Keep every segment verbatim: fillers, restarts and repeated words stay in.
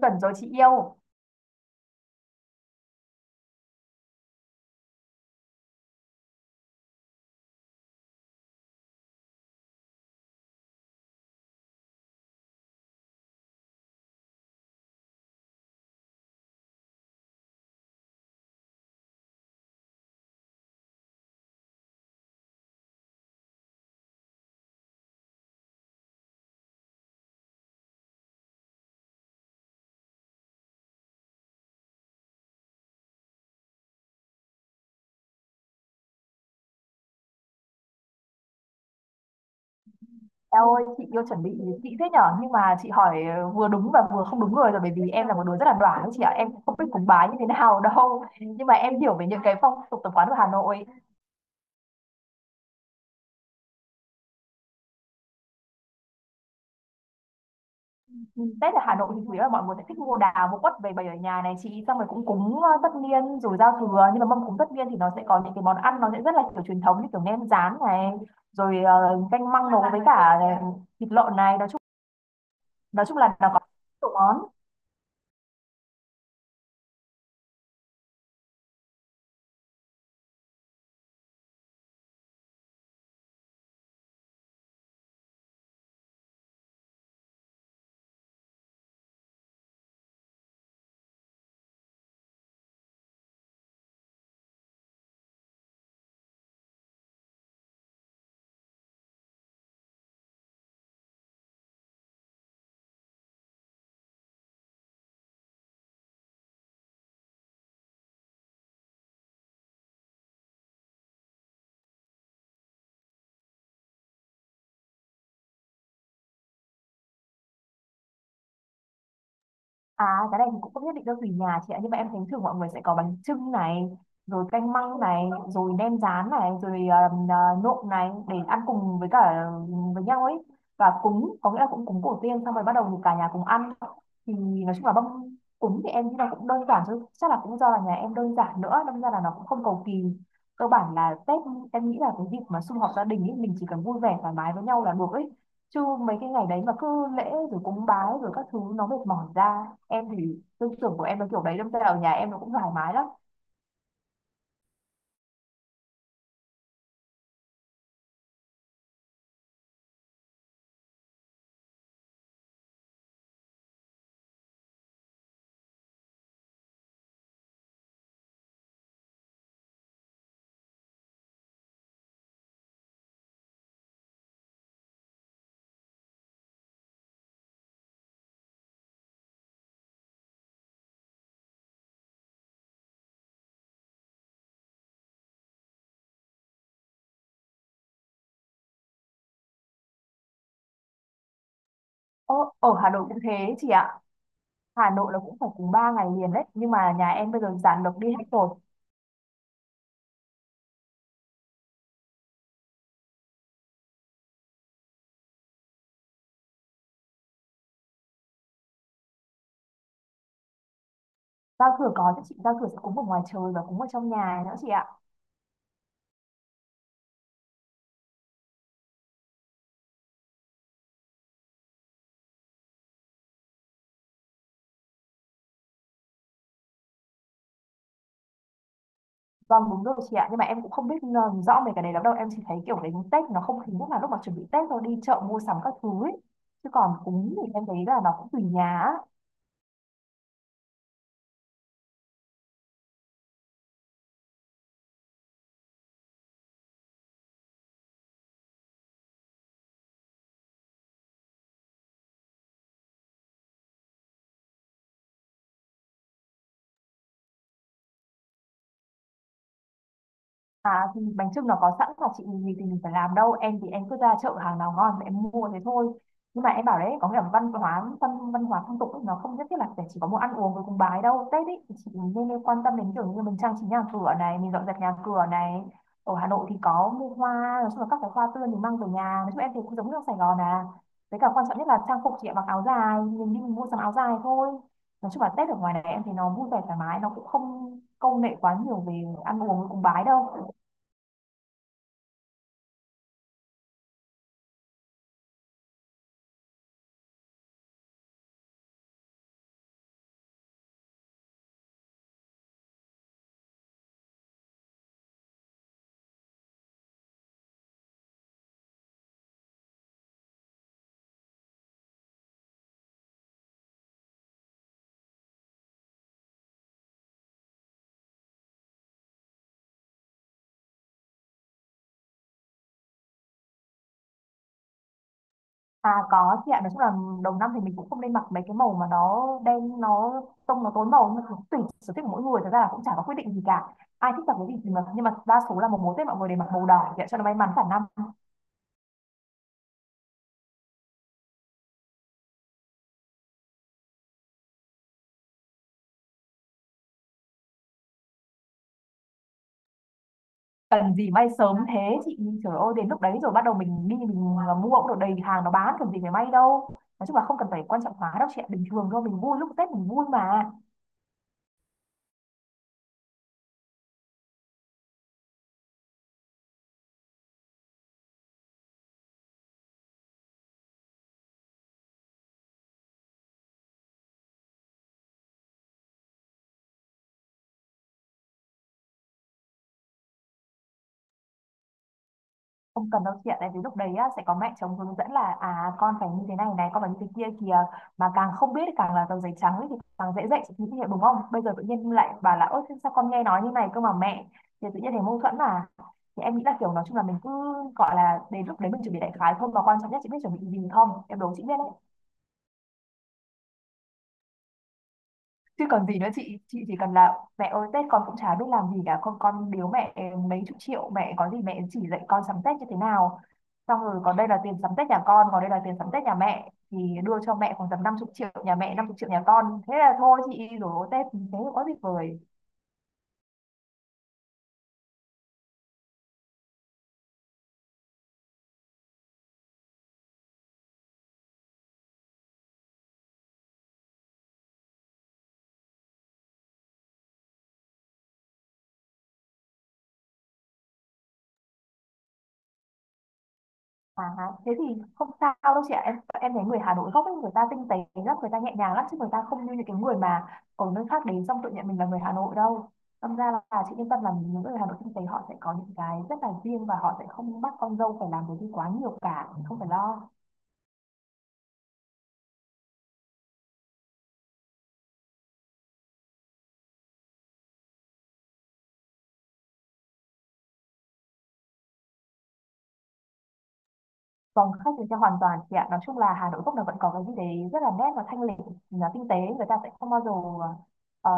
Chuẩn rồi chị yêu. Em ơi, chị yêu chuẩn bị kỹ thế nhở, nhưng mà chị hỏi ờ, vừa đúng và vừa không đúng người rồi, bởi vì em là một đứa rất là đoản đấy chị ạ, em cũng không biết cúng bái như thế nào đâu, nhưng mà em hiểu về những cái phong tục tập quán của Hà Nội. Ừ, Tết ở Hà Nội thì chủ yếu là mọi người sẽ thích mua đào mua quất về bày ở nhà này chị, xong rồi cũng cúng ờ, tất niên rồi giao thừa, nhưng mà mâm cúng tất niên thì nó sẽ có những cái món ăn, nó sẽ rất là kiểu truyền thống như kiểu nem rán này, rồi ờ, canh măng nấu với cả ờ, thịt lợn này, nói chung nói chung là nó có nhiều món. À, cái này thì cũng không nhất định đâu, tùy nhà chị ạ. Nhưng mà em thấy thường mọi người sẽ có bánh chưng này, rồi canh măng này, rồi nem rán này, rồi um, à, nộm này, để ăn cùng với cả với nhau ấy. Và cúng, có nghĩa là cũng cúng tổ tiên, xong rồi bắt đầu thì cả nhà cùng ăn. Thì nói chung là mâm cúng thì em nghĩ là cũng đơn giản thôi, chắc là cũng do là nhà em đơn giản nữa, đâm ra là nó cũng không cầu kỳ. Cơ bản là Tết em nghĩ là cái dịp mà sum họp gia đình ấy, mình chỉ cần vui vẻ thoải mái với nhau là được ấy, chứ mấy cái ngày đấy mà cứ lễ rồi cúng bái rồi các thứ nó mệt mỏi ra. Em thì tư tưởng của em nó kiểu đấy, đâm ra ở nhà em nó cũng thoải mái lắm. Ô, ở Hà Nội cũng thế chị ạ. Hà Nội là cũng phải cúng ba ngày liền đấy, nhưng mà nhà em bây giờ giản lược đi hết rồi. Giao thừa có chứ chị, giao thừa sẽ cúng ở ngoài trời và cúng ở trong nhà nữa chị ạ. Vâng, đúng rồi chị ạ, nhưng mà em cũng không biết ờ, rõ về cái đấy lắm đâu. Em chỉ thấy kiểu đến Tết nó không khí nhất là lúc mà chuẩn bị Tết thôi, đi chợ mua sắm các thứ ấy. Chứ còn cúng thì em thấy là nó cũng tùy nhà á. À thì bánh chưng nó có sẵn mà chị, mình gì thì mình phải làm đâu. Em thì em cứ ra chợ, hàng nào ngon thì em mua thế thôi. Nhưng mà em bảo đấy, có nghĩa là văn hóa văn, văn hóa phong tục ấy, nó không nhất thiết là phải chỉ có món ăn uống với cúng bái đâu. Tết ấy thì chị nên, nên quan tâm đến kiểu như mình trang trí nhà cửa này, mình dọn dẹp nhà cửa này. Ở Hà Nội thì có mua hoa, nói chung là các cái hoa tươi mình mang về nhà. Nói chung em thì cũng giống như ở Sài Gòn à. Với cả quan trọng nhất là trang phục chị ạ, mặc áo dài, mình đi mình mua sắm áo dài thôi. Nói chung là Tết ở ngoài này em thì nó vui vẻ thoải mái, nó cũng không câu nệ quá nhiều về ăn uống với cúng bái đâu. À, có chị ạ, nói chung là đầu năm thì mình cũng không nên mặc mấy cái màu mà nó đen, nó tông nó tối màu, nhưng mà tùy sở thích của mỗi người, thật ra là cũng chả có quyết định gì cả. Ai thích mặc cái gì thì mặc, nhưng mà đa số là mùng một mùa Tết mọi người đều mặc màu đỏ chị ạ, cho nó may mắn cả năm. Cần gì may sớm thế chị, trời ơi, đến lúc đấy rồi bắt đầu mình đi mình mua cũng được, đầy hàng nó bán, cần gì phải may đâu. Nói chung là không cần phải quan trọng hóa đâu chị ạ, bình thường thôi, mình vui lúc Tết mình vui mà. Không cần đâu chị ạ, tại vì lúc đấy á, sẽ có mẹ chồng hướng dẫn là à con phải như thế này này, con phải như thế kia kìa, mà càng không biết thì càng là tờ giấy trắng ấy, thì càng dễ dạy chị, như thế đúng không? Bây giờ tự nhiên lại bảo là ơ thế sao con nghe nói như này cơ mà mẹ, thì tự nhiên thấy mâu thuẫn mà. Thì em nghĩ là kiểu nói chung là mình cứ gọi là đến lúc đấy mình chuẩn bị đại khái thôi, mà quan trọng nhất chị biết chuẩn bị gì không, em đố chị biết đấy. Chứ còn gì nữa chị chị chỉ cần là mẹ ơi Tết con cũng chả biết làm gì cả, con con biếu mẹ mấy chục triệu, mẹ có gì mẹ chỉ dạy con sắm Tết như thế nào. Xong rồi còn đây là tiền sắm Tết nhà con, còn đây là tiền sắm Tết nhà mẹ, thì đưa cho mẹ khoảng tầm năm chục triệu nhà mẹ, năm chục triệu nhà con, thế là thôi chị, rồi Tết thế có gì vời. À, thế thì không sao đâu chị ạ. Em em thấy người Hà Nội gốc ấy người ta tinh tế lắm, người ta nhẹ nhàng lắm, chứ người ta không như những cái người mà ở nơi khác đến xong tự nhận mình là người Hà Nội đâu. Đâm ra là chị yên tâm, là những người Hà Nội tinh tế họ sẽ có những cái rất là riêng, và họ sẽ không bắt con dâu phải làm cái gì quá nhiều cả, không phải lo. Phòng khách thì sẽ hoàn toàn chị ạ. Nói chung là Hà Nội gốc là vẫn có cái gì đấy rất là nét và thanh lịch, là tinh tế. Người ta sẽ không bao giờ, ờ,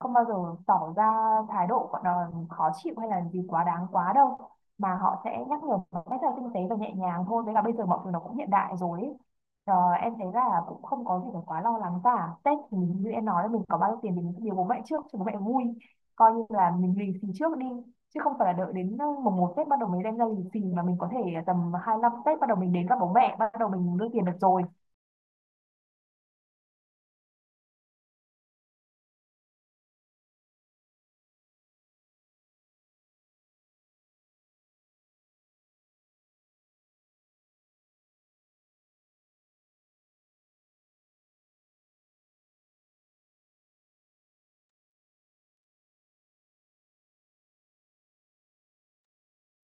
không bao giờ tỏ ra thái độ gọi là khó chịu hay là gì quá đáng quá đâu. Mà họ sẽ nhắc nhở một cách rất là tinh tế và nhẹ nhàng thôi. Với cả bây giờ mọi thứ nó cũng hiện đại rồi ấy. Ờ, em thấy là cũng không có gì phải quá lo lắng cả. Tết thì như em nói là mình có bao nhiêu tiền thì mình sẽ biếu bố mẹ trước cho bố mẹ vui. Coi như là mình lì xì trước đi, chứ không phải là đợi đến ờ, mùng một Tết bắt đầu mới đem ra lì xì, mà mình có thể tầm hai lăm Tết bắt đầu mình đến gặp bố mẹ bắt đầu mình đưa tiền được rồi.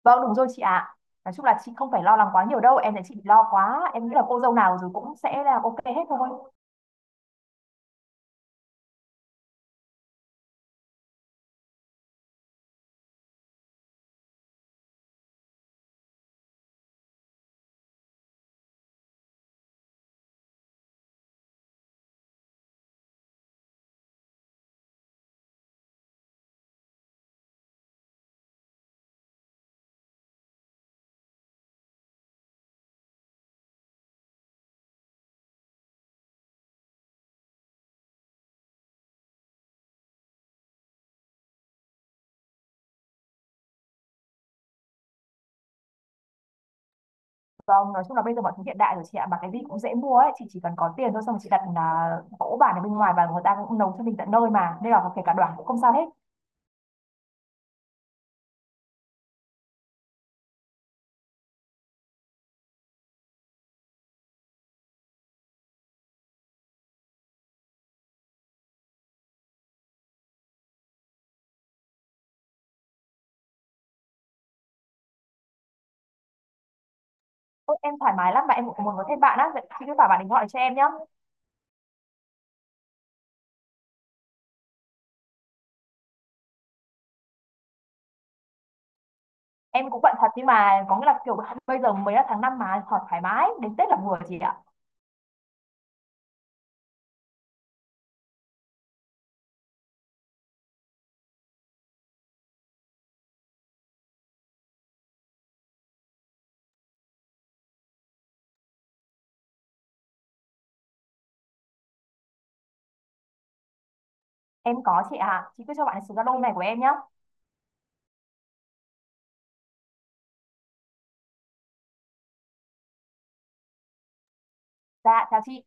Vâng, đúng rồi chị ạ, nói chung là chị không phải lo lắng quá nhiều đâu, em thấy chị bị lo quá, em nghĩ là cô dâu nào rồi cũng sẽ là ok hết thôi. Vâng, nói chung là bây giờ mọi thứ hiện đại rồi chị ạ, mà cái gì cũng dễ mua ấy chị, chỉ cần có tiền thôi, xong rồi chị đặt à, cỗ bản ở bên ngoài và người ta cũng nấu cho mình tận nơi mà, nên là kể cả đoàn cũng không sao hết. Ôi, em thoải mái lắm mà, em cũng muốn có thêm bạn á, vậy chị cứ bảo bạn ấy gọi cho em nhá. Em cũng bận thật, nhưng mà có nghĩa là kiểu bây giờ mới là tháng năm mà, thoải thoải mái đến Tết là vừa chị ạ. Em có chị ạ, chị cứ cho bạn số Zalo này của em nhá. Dạ chào chị.